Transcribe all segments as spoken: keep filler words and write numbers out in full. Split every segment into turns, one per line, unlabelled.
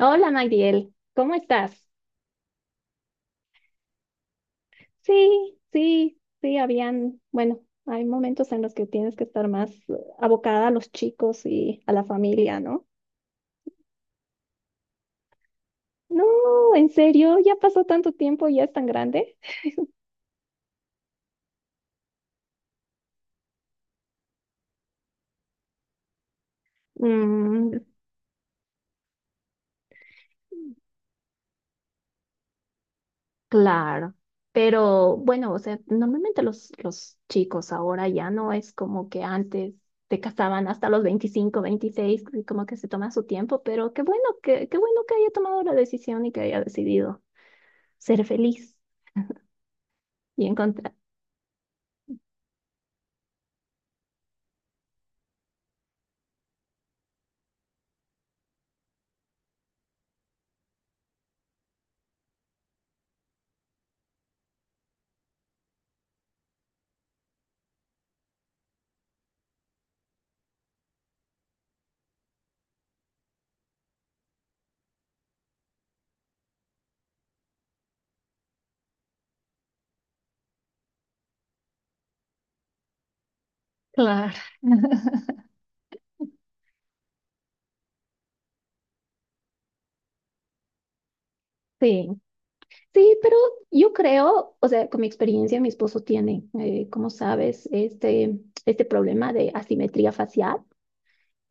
Hola Magdiel, ¿cómo estás? Sí, sí, sí, habían, bueno, hay momentos en los que tienes que estar más eh, abocada a los chicos y a la familia, ¿no? No, en serio, ya pasó tanto tiempo y ya es tan grande. Mm, claro, pero bueno, o sea, normalmente los, los chicos ahora ya no es como que antes te casaban hasta los veinticinco, veintiséis y como que se toma su tiempo, pero qué bueno que, qué bueno que haya tomado la decisión y que haya decidido ser feliz. Y encontrar. Claro. Sí, sí, pero yo creo, o sea, con mi experiencia, mi esposo tiene, eh, como sabes, este, este problema de asimetría facial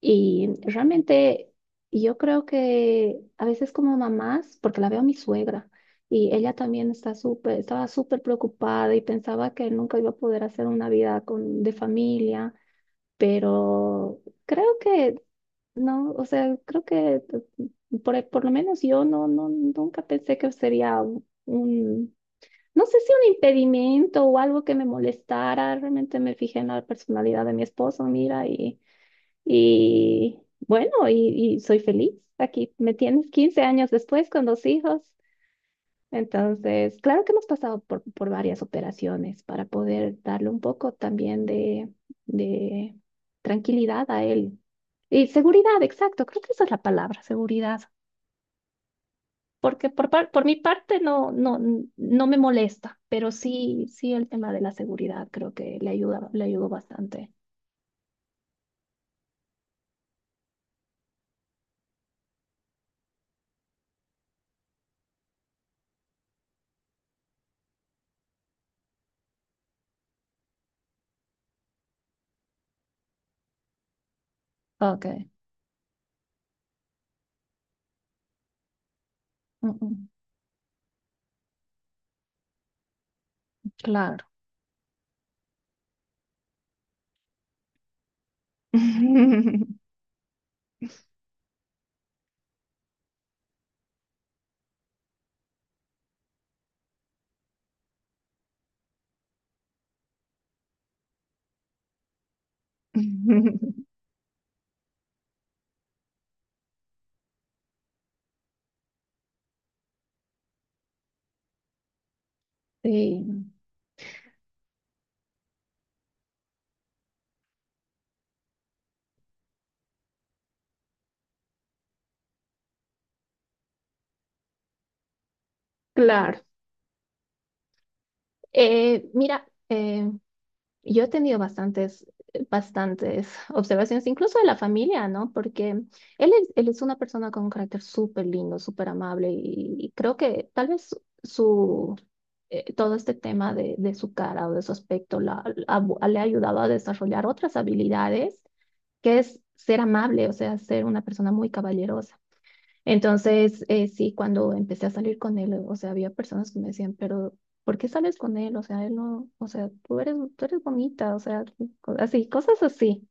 y realmente yo creo que a veces como mamás, porque la veo a mi suegra y ella también está súper, estaba súper preocupada y pensaba que nunca iba a poder hacer una vida con, de familia, pero creo que no, o sea, creo que t- por, por lo menos yo no, no, nunca pensé que sería u- un, no sé si un impedimento o algo que me molestara. Realmente me fijé en la personalidad de mi esposo, mira, y, y bueno, y, y soy feliz. Aquí me tienes quince años después con dos hijos. Entonces, claro que hemos pasado por, por varias operaciones para poder darle un poco también de, de tranquilidad a él. Y seguridad, exacto, creo que esa es la palabra, seguridad. Porque por, par- por mi parte no, no, no me molesta, pero sí, sí el tema de la seguridad creo que le ayuda, le ayudó bastante. Ok. Mm, mm, claro. Sí, claro. Eh, mira, eh, yo he tenido bastantes, bastantes observaciones, incluso de la familia, ¿no? Porque él es, él es una persona con un carácter súper lindo, súper amable y, y creo que tal vez su, eh, todo este tema de, de su cara o de su aspecto la- la- ha- le ha ayudado a desarrollar otras habilidades, que es ser amable, o sea, ser una persona muy caballerosa. Entonces, eh, sí, cuando empecé a salir con él, o sea, había personas que me decían, pero ¿por qué sales con él? O sea, él no, o sea, tú eres, tú eres bonita, o sea, co- así, cosas así.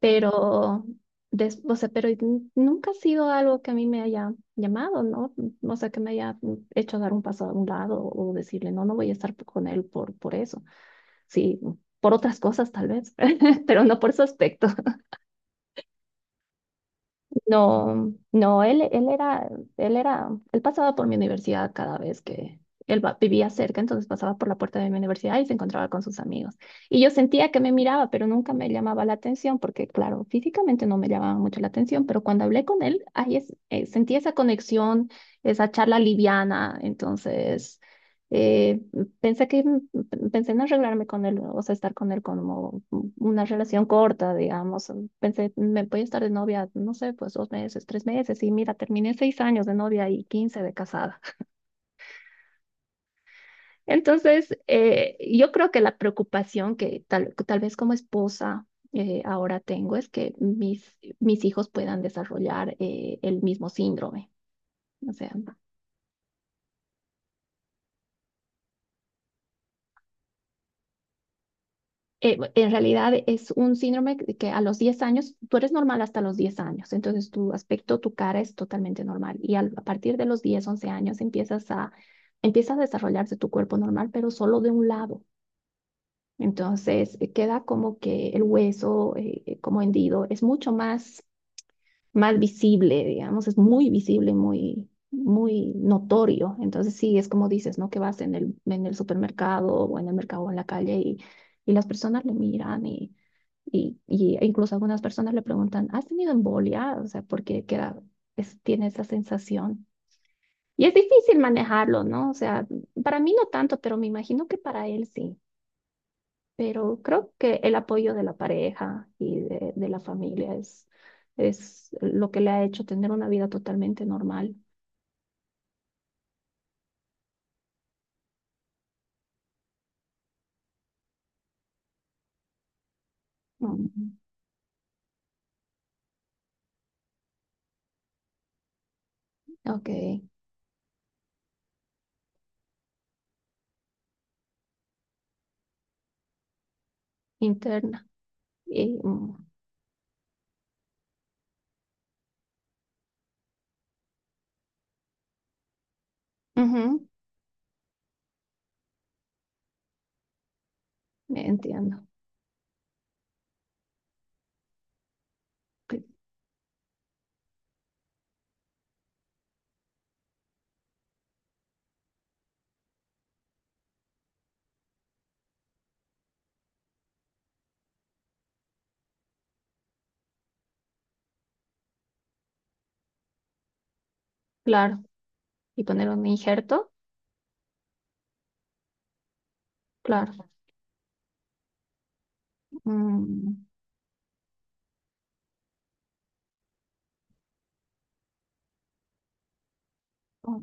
Pero, des- o sea, pero n- nunca ha sido algo que a mí me haya llamado, ¿no? O sea, que me haya hecho dar un paso a un lado o decirle, no, no voy a estar con él por, por eso. Sí, por otras cosas tal vez, pero no por su aspecto. No, no, él, él era, él era, él pasaba por mi universidad cada vez que él va- vivía cerca, entonces pasaba por la puerta de mi universidad y se encontraba con sus amigos. Y yo sentía que me miraba, pero nunca me llamaba la atención, porque claro, físicamente no me llamaba mucho la atención, pero cuando hablé con él, ahí es, eh, sentí esa conexión, esa charla liviana, entonces eh, pensé que pensé en arreglarme con él, o sea, estar con él como una relación corta, digamos. Pensé, me voy a estar de novia, no sé, pues dos meses, tres meses, y mira, terminé seis años de novia y quince de casada. Entonces, eh, yo creo que la preocupación que tal, tal vez como esposa eh, ahora tengo es que mis, mis hijos puedan desarrollar eh, el mismo síndrome. O sea, eh, en realidad es un síndrome que a los diez años, tú eres normal hasta los diez años, entonces tu aspecto, tu cara es totalmente normal y al- a partir de los diez once años empiezas a, empieza a desarrollarse tu cuerpo normal, pero solo de un lado. Entonces eh, queda como que el hueso eh, eh, como hendido es mucho más, más visible, digamos, es muy visible, muy, muy notorio. Entonces sí, es como dices, ¿no? Que vas en el, en el supermercado o en el mercado o en la calle y, y las personas le miran y y, y incluso algunas personas le preguntan, ¿has tenido embolia? O sea, porque queda, es- tiene esa sensación. Y es difícil manejarlo, ¿no? O sea, para mí no tanto, pero me imagino que para él sí. Pero creo que el apoyo de la pareja y de, de la familia es, es lo que le ha hecho tener una vida totalmente normal. Mm, ok, interna. Y, mm, ujú, entiendo. Cl- Claro. Y poner un injerto, claro. Mm, oh.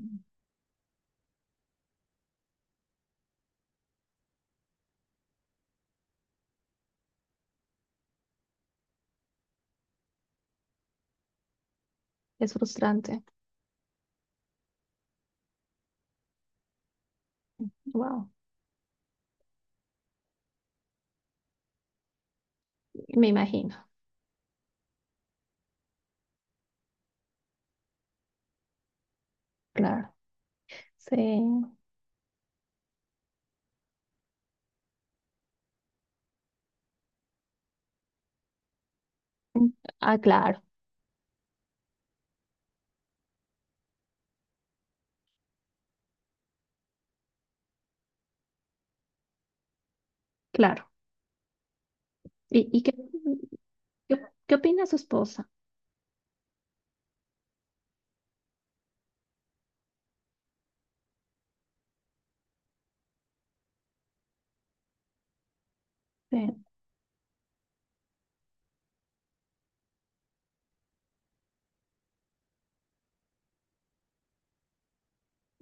Es frustrante. Wow, me imagino, claro. Sí. Ah, claro, claro. ¿Y, y qué, qué, qué opina su esposa? Sí.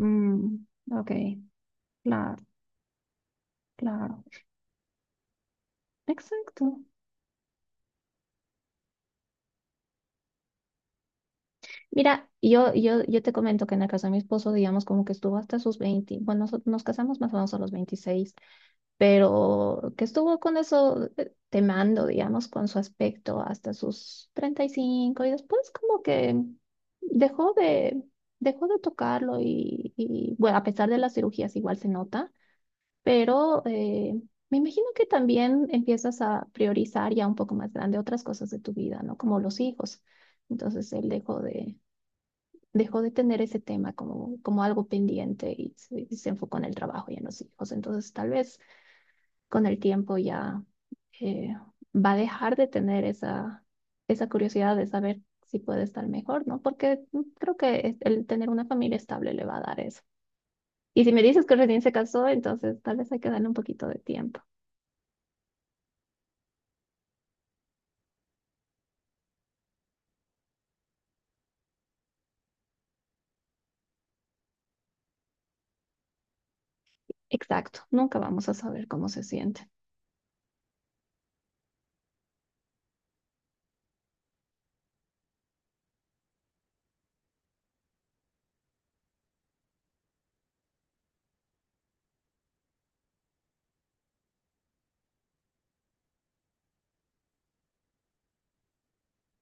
Mm, ok, claro, claro. Exacto. Mira, yo, yo, yo te comento que en la casa de mi esposo, digamos, como que estuvo hasta sus veinte. Bueno, nos, nos casamos más o menos a los veintiséis, pero que estuvo con eso eh, temando, digamos, con su aspecto hasta sus treinta y cinco y cinco y después como que dejó de, dejó de tocarlo y, y, bueno, a pesar de las cirugías igual se nota, pero eh, me imagino que también empiezas a priorizar ya un poco más grande otras cosas de tu vida, ¿no? Como los hijos. Entonces él dejó de... dejó de tener ese tema como, como algo pendiente y se, y se enfocó en el trabajo y en los hijos. Entonces, tal vez con el tiempo ya eh, va a dejar de tener esa, esa curiosidad de saber si puede estar mejor, ¿no? Porque mm, creo que es- el tener una familia estable le va a dar eso. Y si me dices que recién se casó, entonces tal vez hay que darle un poquito de tiempo. Exacto, nunca vamos a saber cómo se siente.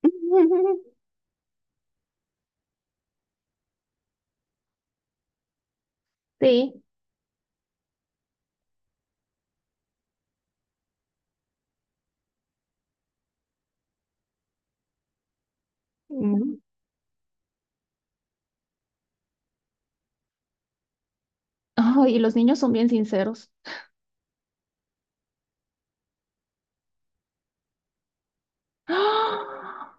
Sí. Mm. Ay, y los niños son bien sinceros. ¡Ah!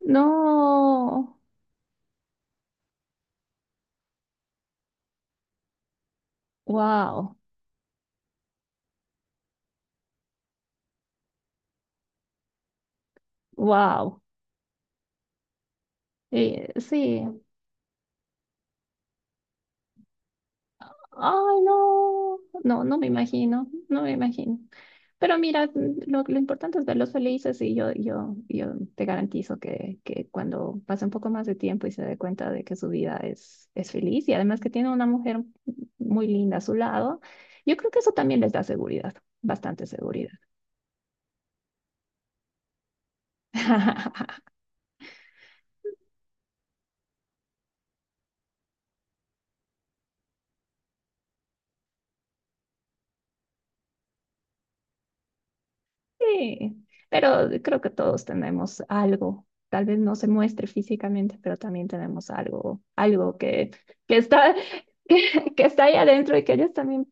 No, wow, wow. Sí, ay, no, no, no me imagino, no me imagino. Pero mira, lo, lo importante es verlos felices y yo, yo, yo te garantizo que, que cuando pase un poco más de tiempo y se dé cuenta de que su vida es, es feliz y además que tiene una mujer muy linda a su lado, yo creo que eso también les da seguridad, bastante seguridad. Sí, pero creo que todos tenemos algo. Tal vez no se muestre físicamente, pero también tenemos algo, algo que, que está, que, que está ahí adentro y que ellos también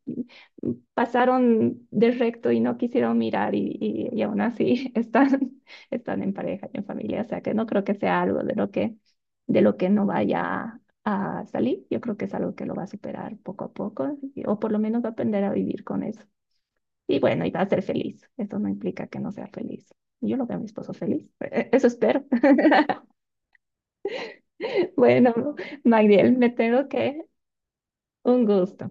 pasaron de recto y no quisieron mirar y, y, y aún así están, están en pareja y en familia. O sea que no creo que sea algo de lo que, de lo que no vaya a salir. Yo creo que es algo que lo va a superar poco a poco, y- o por lo menos va a aprender a vivir con eso. Y bueno, y va a ser feliz. Eso no implica que no sea feliz. Yo lo veo a mi esposo feliz. Eh, Eso espero. Bueno, Magdiel, me tengo que... Un gusto.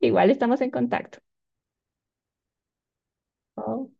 Igual estamos en contacto. Oh.